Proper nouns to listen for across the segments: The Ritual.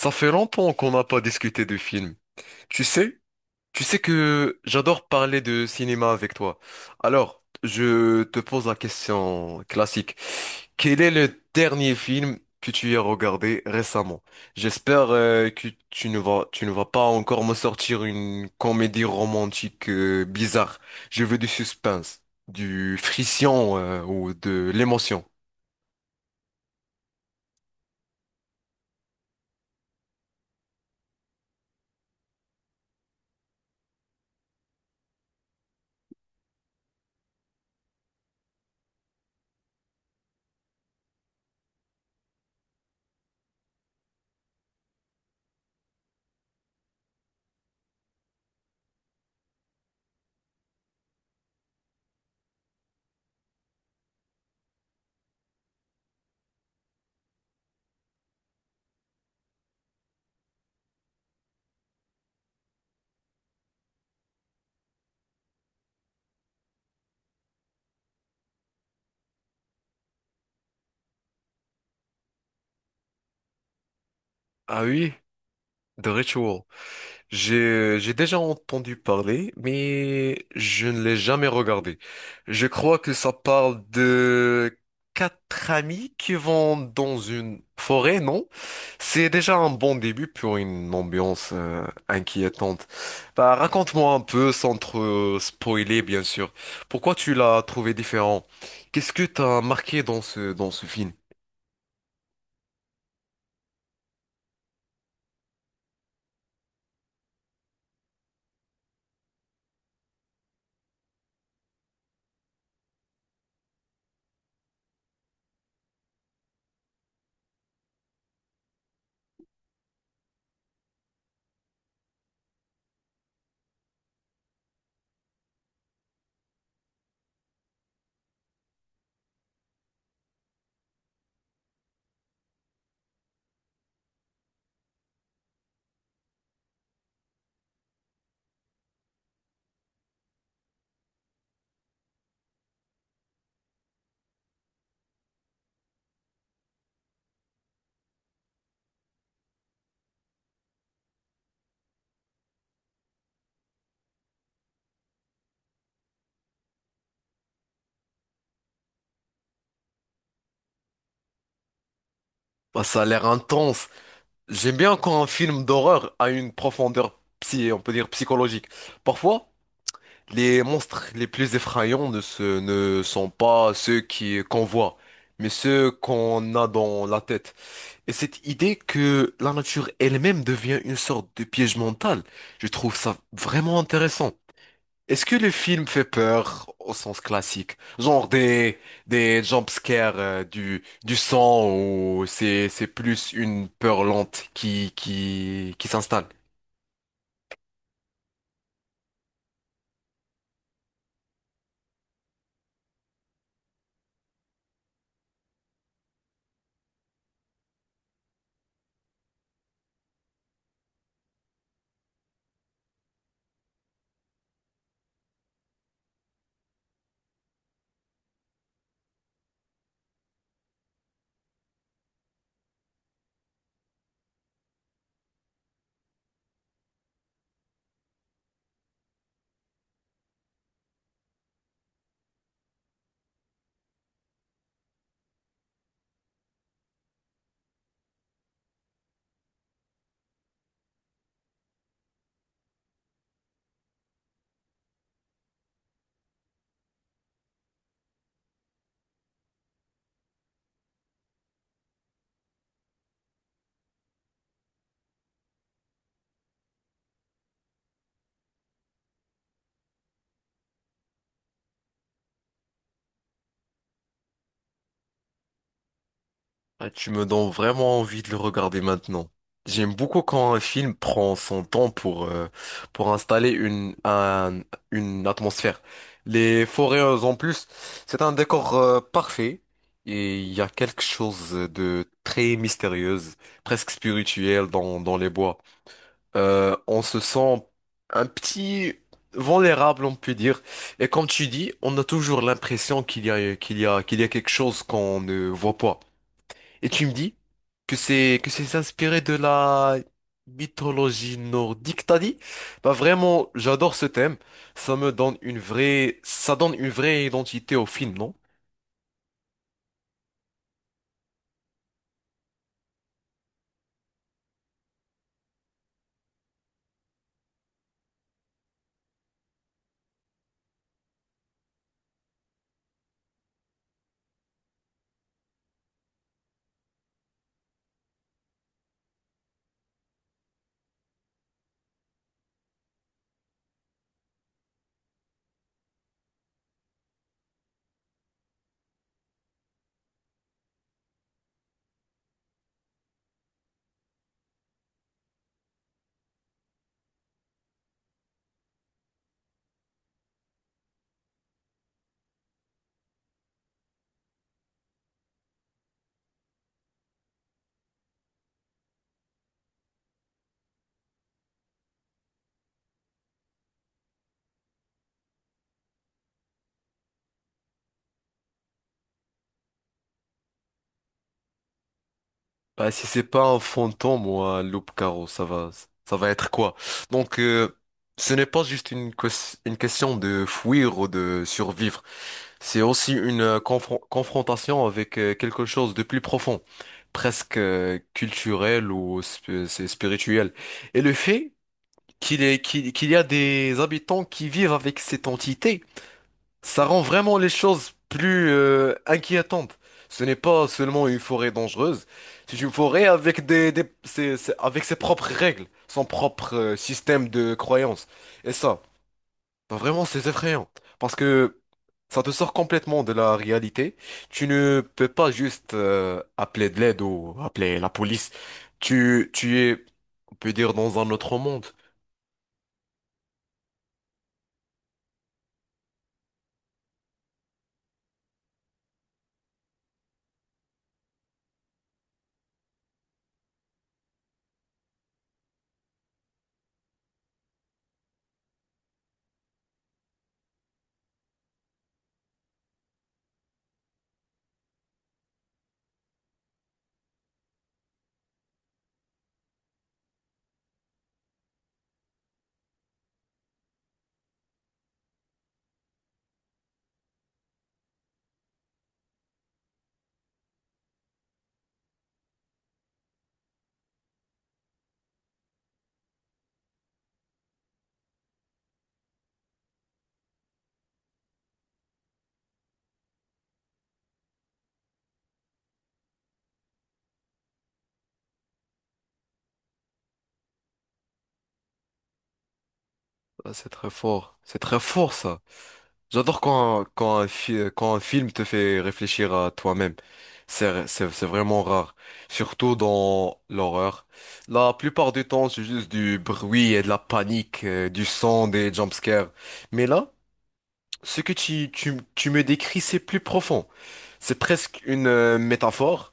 Ça fait longtemps qu'on n'a pas discuté de films. Tu sais, tu sais que j'adore parler de cinéma avec toi. Alors, je te pose la question classique. Quel est le dernier film que tu as regardé récemment? J'espère que tu ne vas pas encore me sortir une comédie romantique bizarre. Je veux du suspense, du frisson ou de l'émotion. Ah oui, The Ritual. J'ai déjà entendu parler, mais je ne l'ai jamais regardé. Je crois que ça parle de quatre amis qui vont dans une forêt, non? C'est déjà un bon début pour une ambiance inquiétante. Bah, raconte-moi un peu, sans trop spoiler, bien sûr. Pourquoi tu l'as trouvé différent? Qu'est-ce que t'as marqué dans dans ce film? Bah, ça a l'air intense. J'aime bien quand un film d'horreur a une profondeur psy, on peut dire psychologique. Parfois, les monstres les plus effrayants ne sont pas ceux qu'on voit, mais ceux qu'on a dans la tête. Et cette idée que la nature elle-même devient une sorte de piège mental, je trouve ça vraiment intéressant. Est-ce que le film fait peur au sens classique? Genre des jumpscares du sang ou c'est plus une peur lente qui s'installe? Ah, tu me donnes vraiment envie de le regarder maintenant. J'aime beaucoup quand un film prend son temps pour installer une atmosphère. Les forêts en plus, c'est un décor parfait et il y a quelque chose de très mystérieuse, presque spirituel dans les bois. On se sent un petit vulnérable, on peut dire. Et comme tu dis, on a toujours l'impression qu'il y a quelque chose qu'on ne voit pas. Et tu me dis que c'est inspiré de la mythologie nordique, t'as dit? Bah vraiment, j'adore ce thème. Ça donne une vraie identité au film, non? Bah si c'est pas un fantôme ou un loup caro ça va être quoi? Donc ce n'est pas juste une question de fuir ou de survivre. C'est aussi une confrontation avec quelque chose de plus profond, presque culturel ou c'est spirituel. Et le fait qu'il y a des habitants qui vivent avec cette entité, ça rend vraiment les choses plus inquiétantes. Ce n'est pas seulement une forêt dangereuse, c'est une forêt avec avec ses propres règles, son propre système de croyances. Et ça. Bah, vraiment, c'est effrayant. Parce que ça te sort complètement de la réalité. Tu ne peux pas juste appeler de l'aide ou appeler la police. Tu es, on peut dire, dans un autre monde. Ah, c'est très fort. C'est très fort, ça. J'adore quand un film te fait réfléchir à toi-même. C'est vraiment rare. Surtout dans l'horreur. La plupart du temps, c'est juste du bruit et de la panique, du sang, des jumpscares. Mais là, ce que tu me décris, c'est plus profond. C'est presque une métaphore,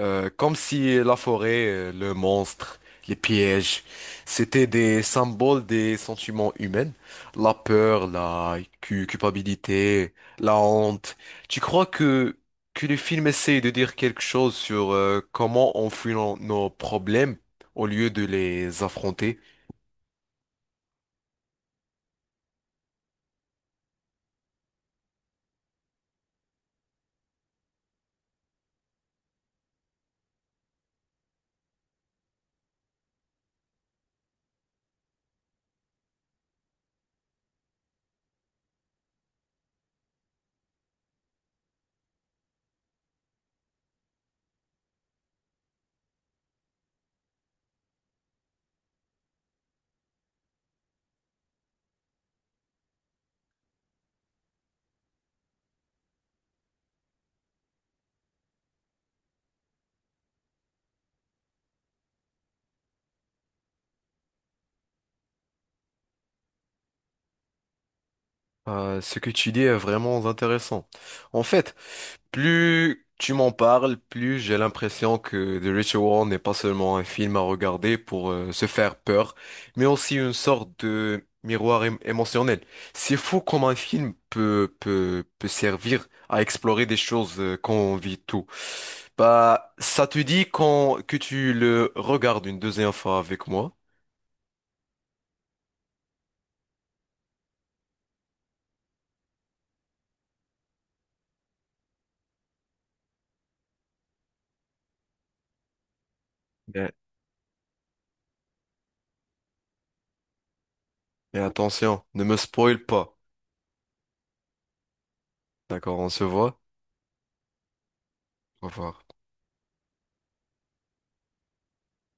comme si la forêt, le monstre, les pièges, c'était des symboles des sentiments humains, la peur, culpabilité, la honte. Tu crois que le film essaye de dire quelque chose sur comment on fuit nos problèmes au lieu de les affronter? Ce que tu dis est vraiment intéressant. En fait, plus tu m'en parles, plus j'ai l'impression que The Ritual n'est pas seulement un film à regarder pour se faire peur, mais aussi une sorte de miroir émotionnel. C'est fou comment un film peut servir à explorer des choses qu'on vit tout. Bah, ça te dit que tu le regardes une deuxième fois avec moi. Mais, mais attention, ne me spoil pas. D'accord, on se voit. Au revoir.